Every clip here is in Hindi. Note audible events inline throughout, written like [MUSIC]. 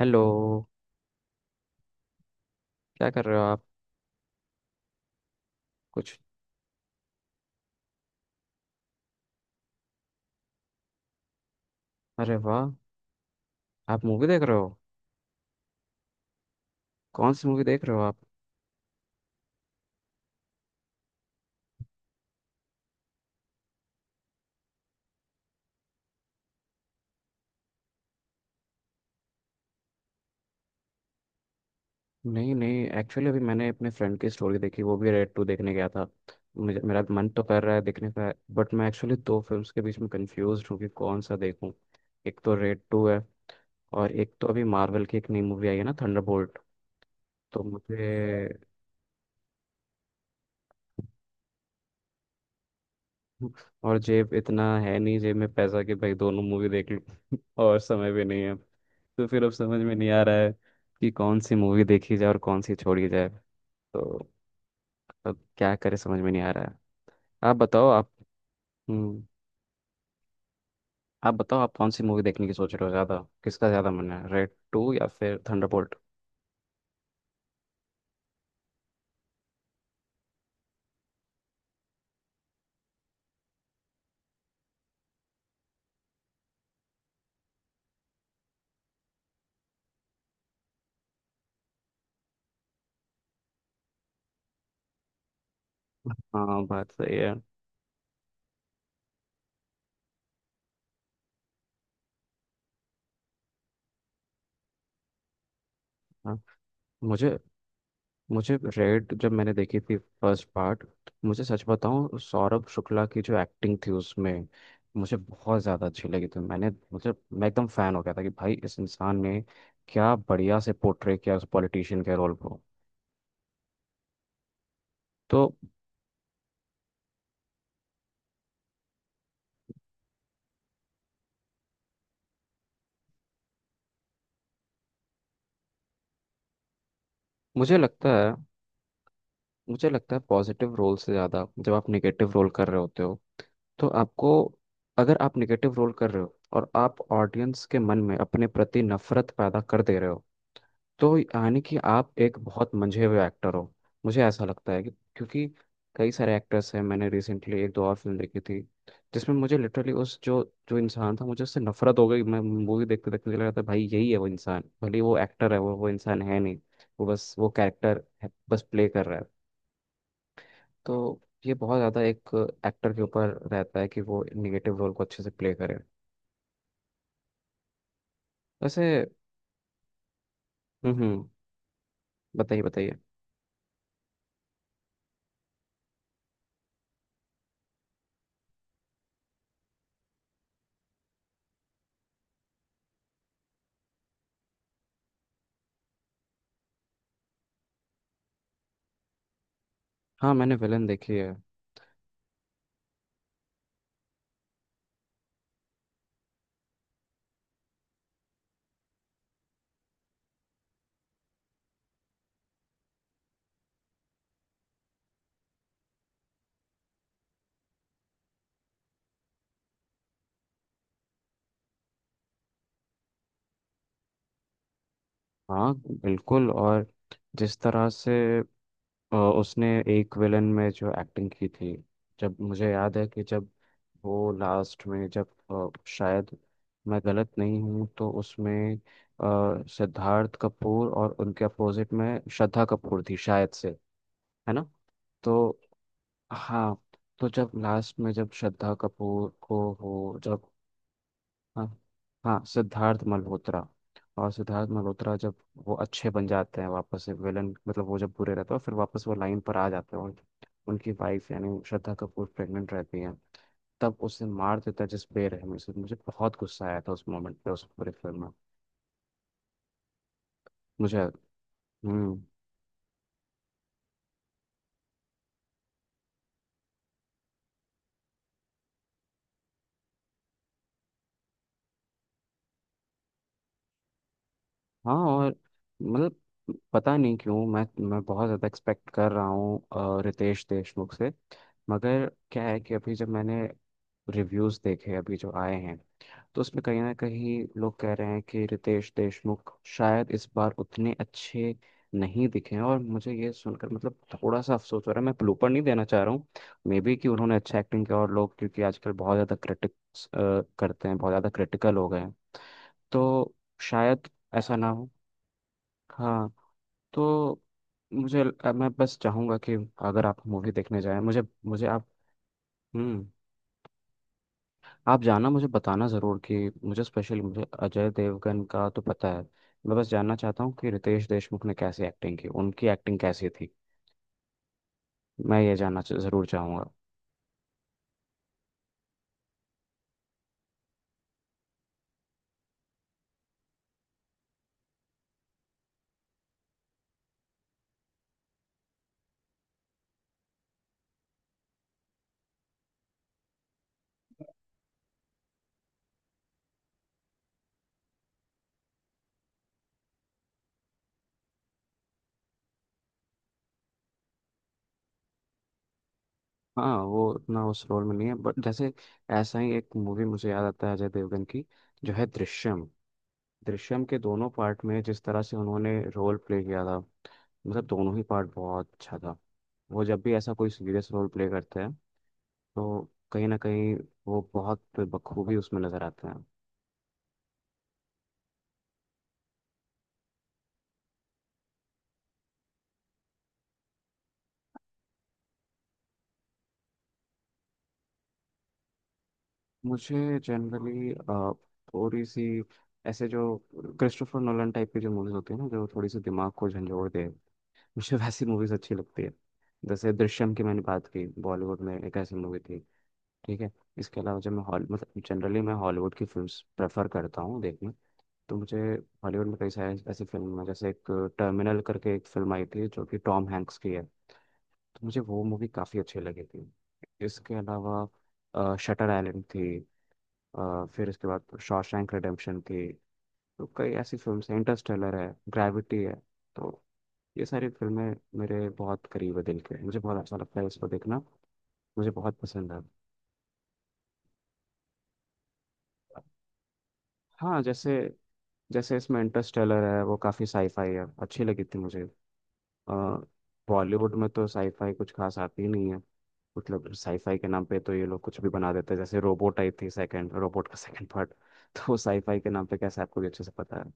हेलो। क्या कर रहे हो आप। कुछ। अरे वाह। आप मूवी देख रहे हो। कौन सी मूवी देख रहे हो आप। नहीं नहीं, एक्चुअली अभी मैंने अपने फ्रेंड की स्टोरी देखी, वो भी रेड टू देखने गया था। मुझे मेरा मन तो कर रहा है देखने का बट मैं एक्चुअली दो फिल्म्स के बीच में कंफ्यूज हूँ कि कौन सा देखूँ। एक तो रेड टू है और एक तो अभी मार्वल की एक नई मूवी आई है ना, थंडरबोल्ट। तो मुझे और जेब इतना है नहीं, जेब में पैसा कि भाई दोनों मूवी देख लूं [LAUGHS] और समय भी नहीं है। तो फिर अब समझ में नहीं आ रहा है कि कौन सी मूवी देखी जाए और कौन सी छोड़ी जाए। तो अब क्या करें, समझ में नहीं आ रहा है। आप बताओ आप। हम्म। आप बताओ आप कौन सी मूवी देखने की सोच रहे हो ज़्यादा, किसका ज़्यादा मन है, रेड टू या फिर थंडरबोल्ट। हाँ, बात सही है। हाँ, मुझे मुझे रेड जब मैंने देखी थी फर्स्ट पार्ट, मुझे सच बताऊं, सौरभ शुक्ला की जो एक्टिंग थी उसमें मुझे बहुत ज़्यादा अच्छी लगी थी। मैं एकदम फ़ैन हो गया था कि भाई इस इंसान ने क्या बढ़िया से पोर्ट्रे किया उस पॉलिटिशियन के रोल को। तो मुझे लगता है मुझे लगता है, पॉजिटिव रोल से ज़्यादा जब आप निगेटिव रोल कर रहे होते हो, तो आपको अगर आप निगेटिव रोल कर रहे हो और आप ऑडियंस के मन में अपने प्रति नफरत पैदा कर दे रहे हो, तो यानी कि आप एक बहुत मंझे हुए एक्टर हो। मुझे ऐसा लगता है कि, क्योंकि कई सारे एक्टर्स हैं, मैंने रिसेंटली एक दो और फिल्म देखी थी जिसमें मुझे लिटरली उस जो जो इंसान था, मुझे उससे नफरत हो गई। मैं मूवी देखते देखते लग रहा था, भाई यही है वो इंसान, भले ही वो एक्टर है, वो इंसान है नहीं, वो बस वो कैरेक्टर है, बस प्ले कर रहा है। तो ये बहुत ज़्यादा एक एक्टर के ऊपर रहता है कि वो निगेटिव रोल को अच्छे से प्ले करे। वैसे। हम्म, हम्म। बताइए, बताइए। हाँ, मैंने विलन देखी है। हाँ बिल्कुल, और जिस तरह से उसने एक विलन में जो एक्टिंग की थी, जब मुझे याद है कि जब वो लास्ट में, जब शायद मैं गलत नहीं हूँ तो उसमें सिद्धार्थ कपूर और उनके अपोजिट में श्रद्धा कपूर थी शायद से, है ना। तो। हाँ। तो जब लास्ट में जब श्रद्धा कपूर को वो जब। हाँ हाँ, सिद्धार्थ मल्होत्रा और सिद्धार्थ मल्होत्रा जब वो अच्छे बन जाते हैं वापस से विलन, मतलब वो जब बुरे रहते हैं फिर वापस वो लाइन पर आ जाते हैं, उनकी उनकी वाइफ यानी श्रद्धा कपूर प्रेग्नेंट रहती है, तब उसे मार देता है जिस बेरहमी से, मुझे बहुत गुस्सा आया था उस मोमेंट पे, उस पूरे फिल्म में। मुझे। हम्म। हाँ और मतलब, पता नहीं क्यों मैं बहुत ज़्यादा एक्सपेक्ट कर रहा हूँ रितेश देशमुख से। मगर क्या है कि अभी जब मैंने रिव्यूज़ देखे अभी जो आए हैं, तो उसमें कहीं ना कहीं लोग कह रहे हैं कि रितेश देशमुख शायद इस बार उतने अच्छे नहीं दिखे हैं, और मुझे ये सुनकर मतलब थोड़ा सा अफसोस हो रहा है। मैं प्लूपर नहीं देना चाह रहा हूँ, मे बी कि उन्होंने अच्छा एक्टिंग किया और लोग, क्योंकि आजकल बहुत ज़्यादा क्रिटिक्स करते हैं, बहुत ज़्यादा क्रिटिकल हो गए हैं, तो शायद ऐसा ना हो। हाँ, तो मैं बस चाहूँगा कि अगर आप मूवी देखने जाएं, मुझे मुझे आप हम्म। आप जाना मुझे बताना ज़रूर कि मुझे स्पेशली मुझे अजय देवगन का तो पता है, मैं बस जानना चाहता हूँ कि रितेश देशमुख ने कैसी एक्टिंग की, उनकी एक्टिंग कैसी थी, मैं ये जानना ज़रूर चाहूँगा। हाँ, वो उतना उस रोल में नहीं है बट जैसे, ऐसा ही एक मूवी मुझे याद आता है अजय देवगन की, जो है दृश्यम। दृश्यम के दोनों पार्ट में जिस तरह से उन्होंने रोल प्ले किया था, मतलब दोनों ही पार्ट बहुत अच्छा था। वो जब भी ऐसा कोई सीरियस रोल प्ले करते हैं, तो कहीं ना कहीं वो बहुत बखूबी उसमें नज़र आते हैं। मुझे जनरली, थोड़ी सी, ऐसे जो क्रिस्टोफर नोलन टाइप की जो मूवीज होती है ना, जो थोड़ी सी दिमाग को झंझोड़ दे, मुझे [LAUGHS] वैसी मूवीज अच्छी लगती है। जैसे दृश्यम की मैंने बात की, बॉलीवुड में एक ऐसी मूवी थी। ठीक है। इसके अलावा जब मैं हॉल मतलब जनरली मैं हॉलीवुड की फिल्म प्रेफर करता हूँ देखना, तो मुझे हॉलीवुड में कई सारी ऐसी फिल्म है जैसे एक टर्मिनल करके एक फिल्म आई थी जो कि टॉम हैंक्स की है, तो मुझे वो मूवी काफ़ी अच्छी लगी थी। इसके अलावा शटर आइलैंड थी, फिर इसके बाद शॉशैंक रिडेम्पशन थी। तो कई ऐसी फिल्म्स हैं, इंटरस्टेलर है, ग्रेविटी है। तो ये सारी फिल्में मेरे बहुत करीब है दिल के, मुझे बहुत अच्छा लगता है इसको देखना, मुझे बहुत पसंद है। हाँ, जैसे जैसे इसमें इंटरस्टेलर है, वो काफ़ी साईफाई है, अच्छी लगी थी मुझे। अ, बॉलीवुड में तो साईफाई कुछ खास आती ही नहीं है, मतलब साईफाई के नाम पे तो ये लोग कुछ भी बना देते हैं। जैसे रोबोट आई थी, सेकंड रोबोट का सेकंड पार्ट [LAUGHS] तो वो साईफाई के नाम पे कैसे, आपको भी अच्छे से पता है।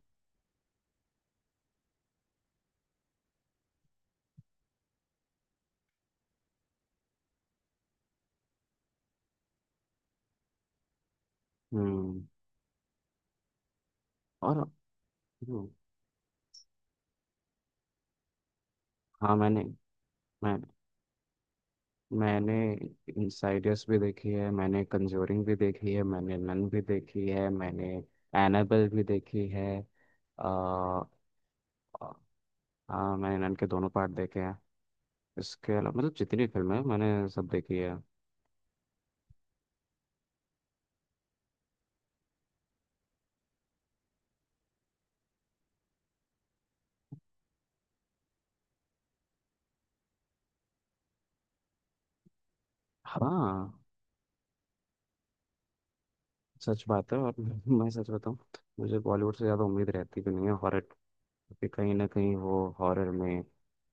हम्म। और। हम्म, हाँ, मैं मैंने इनसाइडर्स भी देखी है, मैंने कंजोरिंग भी देखी है, मैंने नन भी देखी है, मैंने एनाबेल भी देखी है। आ, हाँ, मैंने नन के दोनों पार्ट देखे हैं। इसके अलावा मतलब जितनी फिल्में हैं, मैंने सब देखी है। हाँ, सच बात है और [LAUGHS] मैं सच बताऊँ, मुझे बॉलीवुड से ज़्यादा उम्मीद रहती भी नहीं है हॉरर, क्योंकि कहीं ना कहीं वो हॉरर में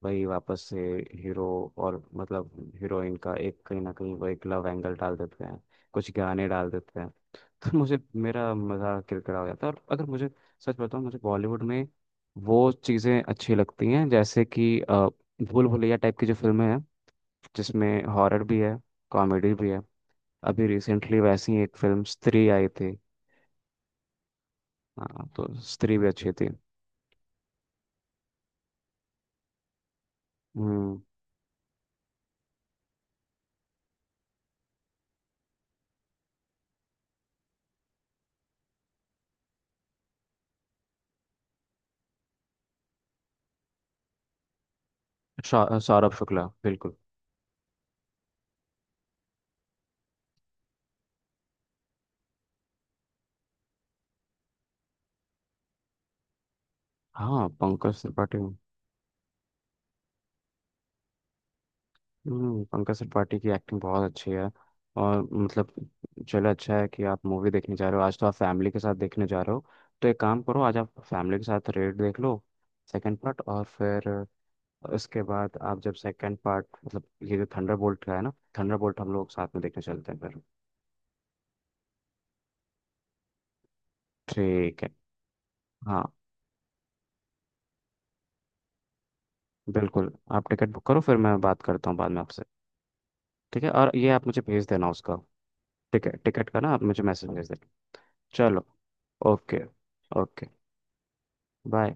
वही वापस से हीरो और मतलब हीरोइन का एक कहीं ना कहीं वो एक लव एंगल डाल देते हैं, कुछ गाने डाल देते हैं [LAUGHS] तो मुझे, मेरा मज़ा किरकिरा हो जाता है और अगर मुझे सच बताऊं, मुझे बॉलीवुड में वो चीज़ें अच्छी लगती हैं जैसे कि भूल भुलैया टाइप की जो फिल्में हैं, जिसमें हॉरर भी है, कॉमेडी भी है। अभी रिसेंटली वैसी ही एक फिल्म स्त्री आई थी। हाँ, तो स्त्री भी अच्छी थी। हम्म। सौरभ शुक्ला बिल्कुल। हाँ, पंकज त्रिपाठी। हम्म। पंकज त्रिपाठी की एक्टिंग बहुत अच्छी है और मतलब, चलो अच्छा है कि आप मूवी देखने जा रहे हो, आज तो आप फैमिली के साथ देखने जा रहे हो, तो एक काम करो, आज आप फैमिली के साथ रेड देख लो सेकंड पार्ट और फिर उसके बाद आप जब सेकंड पार्ट, मतलब ये जो थंडरबोल्ट का है ना, थंडरबोल्ट हम लोग साथ में देखने चलते हैं फिर। ठीक है। हाँ बिल्कुल, आप टिकट बुक करो फिर मैं बात करता हूँ बाद में आपसे। ठीक है, और ये आप मुझे भेज देना उसका। ठीक है, टिकट का ना आप मुझे मैसेज भेज देना। चलो। ओके। ओके। बाय।